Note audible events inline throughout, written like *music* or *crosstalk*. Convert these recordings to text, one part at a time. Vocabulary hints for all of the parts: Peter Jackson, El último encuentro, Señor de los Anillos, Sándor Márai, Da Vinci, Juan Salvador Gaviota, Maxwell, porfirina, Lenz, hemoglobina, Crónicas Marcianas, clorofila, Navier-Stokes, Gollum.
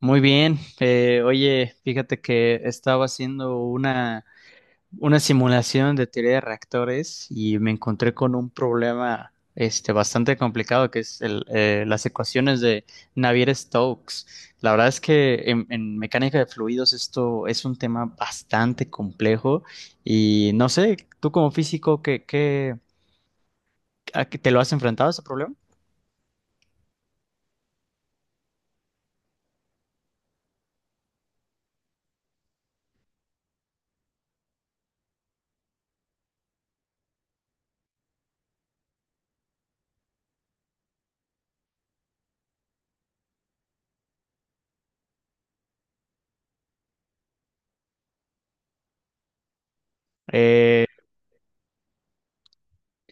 Muy bien. Oye, fíjate que estaba haciendo una simulación de teoría de reactores y me encontré con un problema este, bastante complicado que es las ecuaciones de Navier-Stokes. La verdad es que en mecánica de fluidos esto es un tema bastante complejo y no sé, tú como físico, ¿a qué te lo has enfrentado a ese problema? Eh,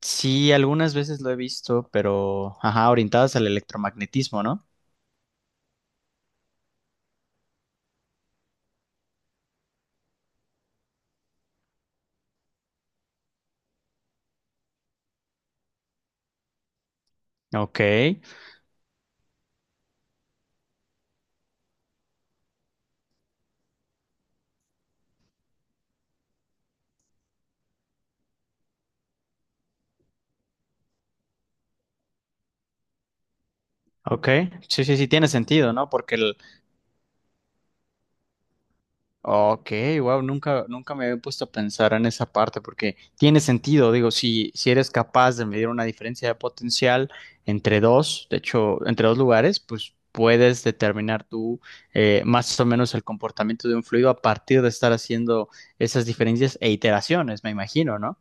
sí, algunas veces lo he visto, pero ajá, orientadas al electromagnetismo, ¿no? Ok, ok, sí, sí, sí, tiene sentido, ¿no? Ok, wow, nunca me había puesto a pensar en esa parte, porque tiene sentido, digo, si eres capaz de medir una diferencia de potencial entre dos, de hecho, entre dos lugares, pues puedes determinar tú más o menos el comportamiento de un fluido a partir de estar haciendo esas diferencias e iteraciones, me imagino, ¿no?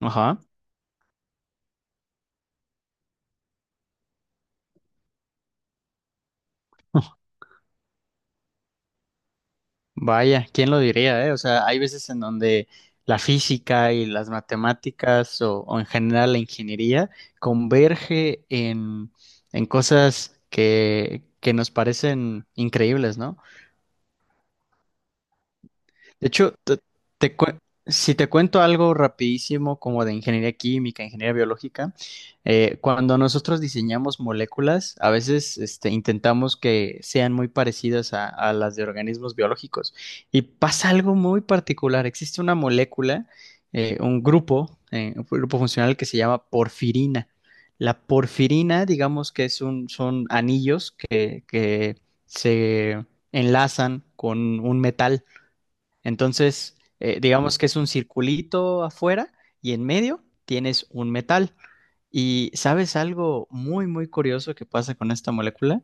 Ajá. Vaya, ¿quién lo diría, eh? O sea, hay veces en donde la física y las matemáticas o en general la ingeniería converge en cosas que nos parecen increíbles, ¿no? De hecho, te cue- si te cuento algo rapidísimo como de ingeniería química, ingeniería biológica, cuando nosotros diseñamos moléculas, a veces este, intentamos que sean muy parecidas a las de organismos biológicos. Y pasa algo muy particular. Existe una molécula, un grupo funcional que se llama porfirina. La porfirina, digamos que es un, son anillos que se enlazan con un metal. Entonces, digamos que es un circulito afuera y en medio tienes un metal. ¿Y sabes algo muy, muy curioso que pasa con esta molécula?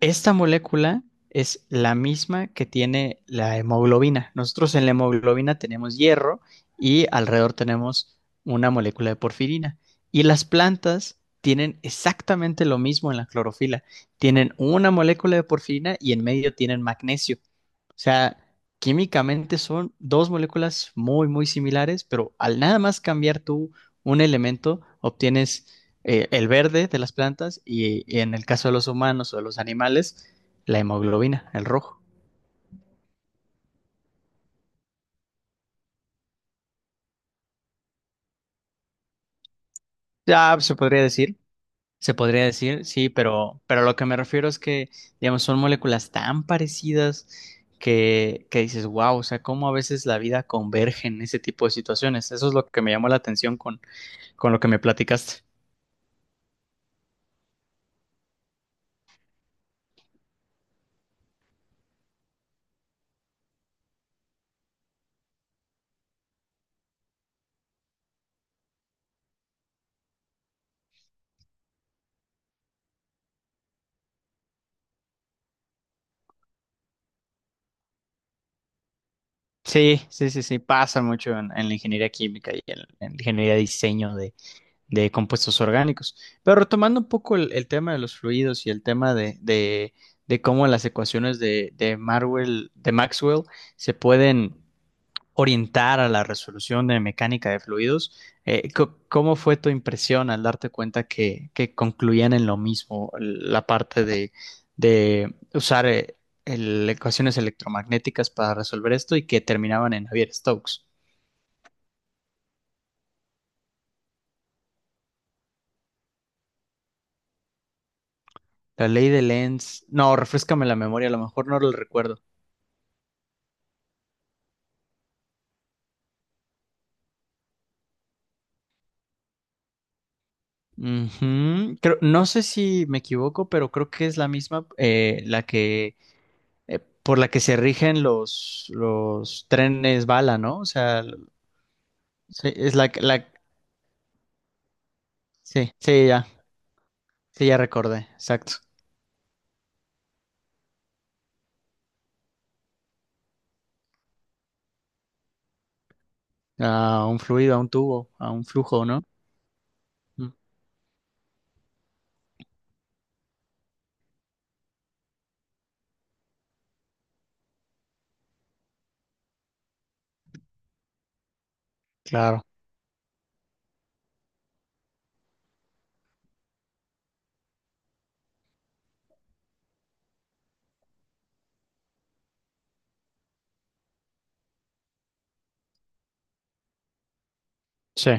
Esta molécula es la misma que tiene la hemoglobina. Nosotros en la hemoglobina tenemos hierro y alrededor tenemos una molécula de porfirina. Y las plantas tienen exactamente lo mismo en la clorofila. Tienen una molécula de porfirina y en medio tienen magnesio. O sea, químicamente son dos moléculas muy, muy similares, pero al nada más cambiar tú un elemento, obtienes el verde de las plantas y en el caso de los humanos o de los animales, la hemoglobina, el rojo. Ya se podría decir, sí, pero lo que me refiero es que, digamos, son moléculas tan parecidas que dices, wow, o sea, cómo a veces la vida converge en ese tipo de situaciones. Eso es lo que me llamó la atención con lo que me platicaste. Sí, sí, sí, sí, pasa mucho en la ingeniería química y en la ingeniería de diseño de compuestos orgánicos. Pero retomando un poco el tema de los fluidos y el tema de cómo las ecuaciones de de Maxwell se pueden orientar a la resolución de mecánica de fluidos, ¿cómo fue tu impresión al darte cuenta que concluían en lo mismo la parte de usar ecuaciones electromagnéticas para resolver esto y que terminaban en Navier-Stokes? La ley de Lenz, no, refrescame la memoria, a lo mejor no lo recuerdo. Ujú. No sé si me equivoco, pero creo que es la misma la que por la que se rigen los trenes bala, ¿no? Sí, es la que- la sí, sí ya, sí ya recordé, exacto. A un fluido, a un tubo, a un flujo, ¿no? Mm, claro, sí,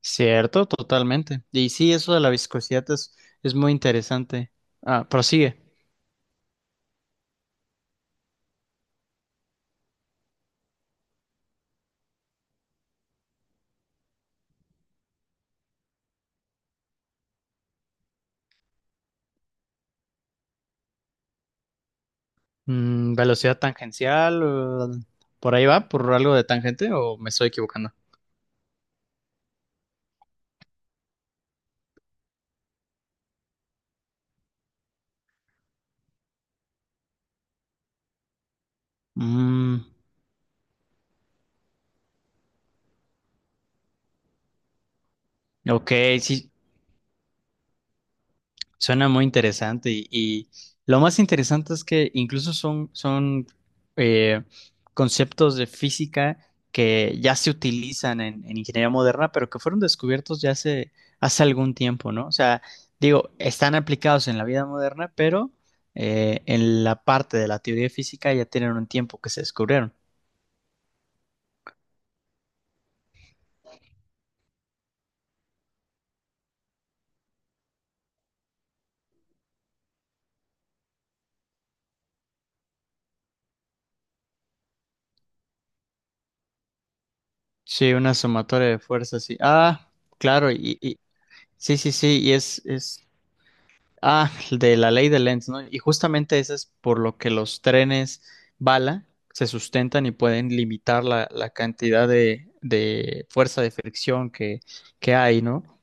cierto, totalmente. Y sí, eso de la viscosidad es muy interesante. Ah, prosigue. Mm, velocidad tangencial, por ahí va, por algo de tangente o me estoy equivocando. Mm, ok, sí, suena muy interesante y lo más interesante es que incluso son, son eh, conceptos de física que ya se utilizan en ingeniería moderna, pero que fueron descubiertos ya hace, hace algún tiempo, ¿no? O sea, digo, están aplicados en la vida moderna, pero en la parte de la teoría de física ya tienen un tiempo que se descubrieron. Sí, una sumatoria de fuerzas, sí. Ah, claro, sí, sí, sí, y es ah, de la ley de Lenz, ¿no? Y justamente eso es por lo que los trenes bala se sustentan y pueden limitar la, la cantidad de fuerza de fricción que hay, ¿no?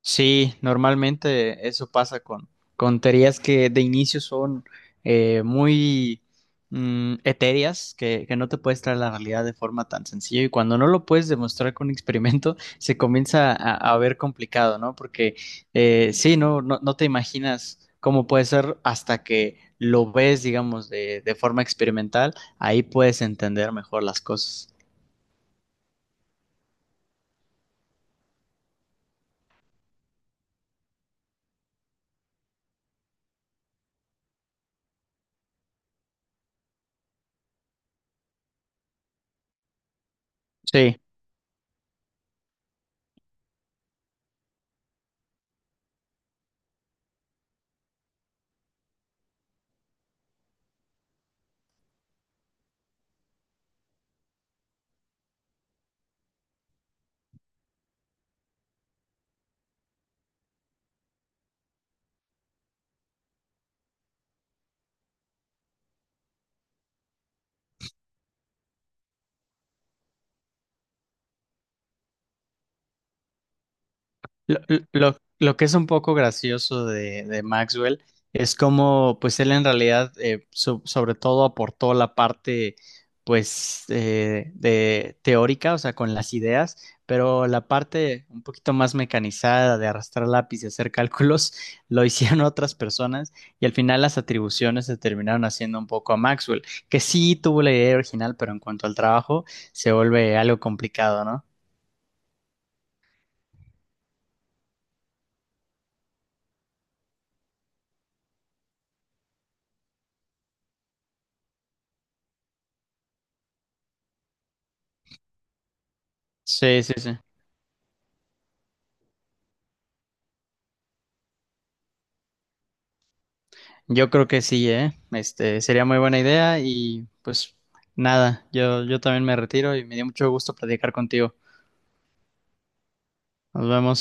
Sí, normalmente eso pasa con teorías que de inicio son muy etéreas, que no te puedes traer a la realidad de forma tan sencilla y cuando no lo puedes demostrar con un experimento, *laughs* se comienza a ver complicado, ¿no? Porque sí, no te imaginas cómo puede ser hasta que lo ves, digamos, de forma experimental, ahí puedes entender mejor las cosas. Sí. Lo, lo que es un poco gracioso de Maxwell es como, pues él en realidad, sobre todo aportó la parte, pues, de teórica, o sea, con las ideas, pero la parte un poquito más mecanizada de arrastrar lápiz y hacer cálculos *laughs* lo hicieron otras personas y al final las atribuciones se terminaron haciendo un poco a Maxwell, que sí tuvo la idea original, pero en cuanto al trabajo se vuelve algo complicado, ¿no? Sí, sí, sí. Yo creo que sí, ¿eh? Este, sería muy buena idea y pues nada, yo también me retiro y me dio mucho gusto platicar contigo. Nos vemos.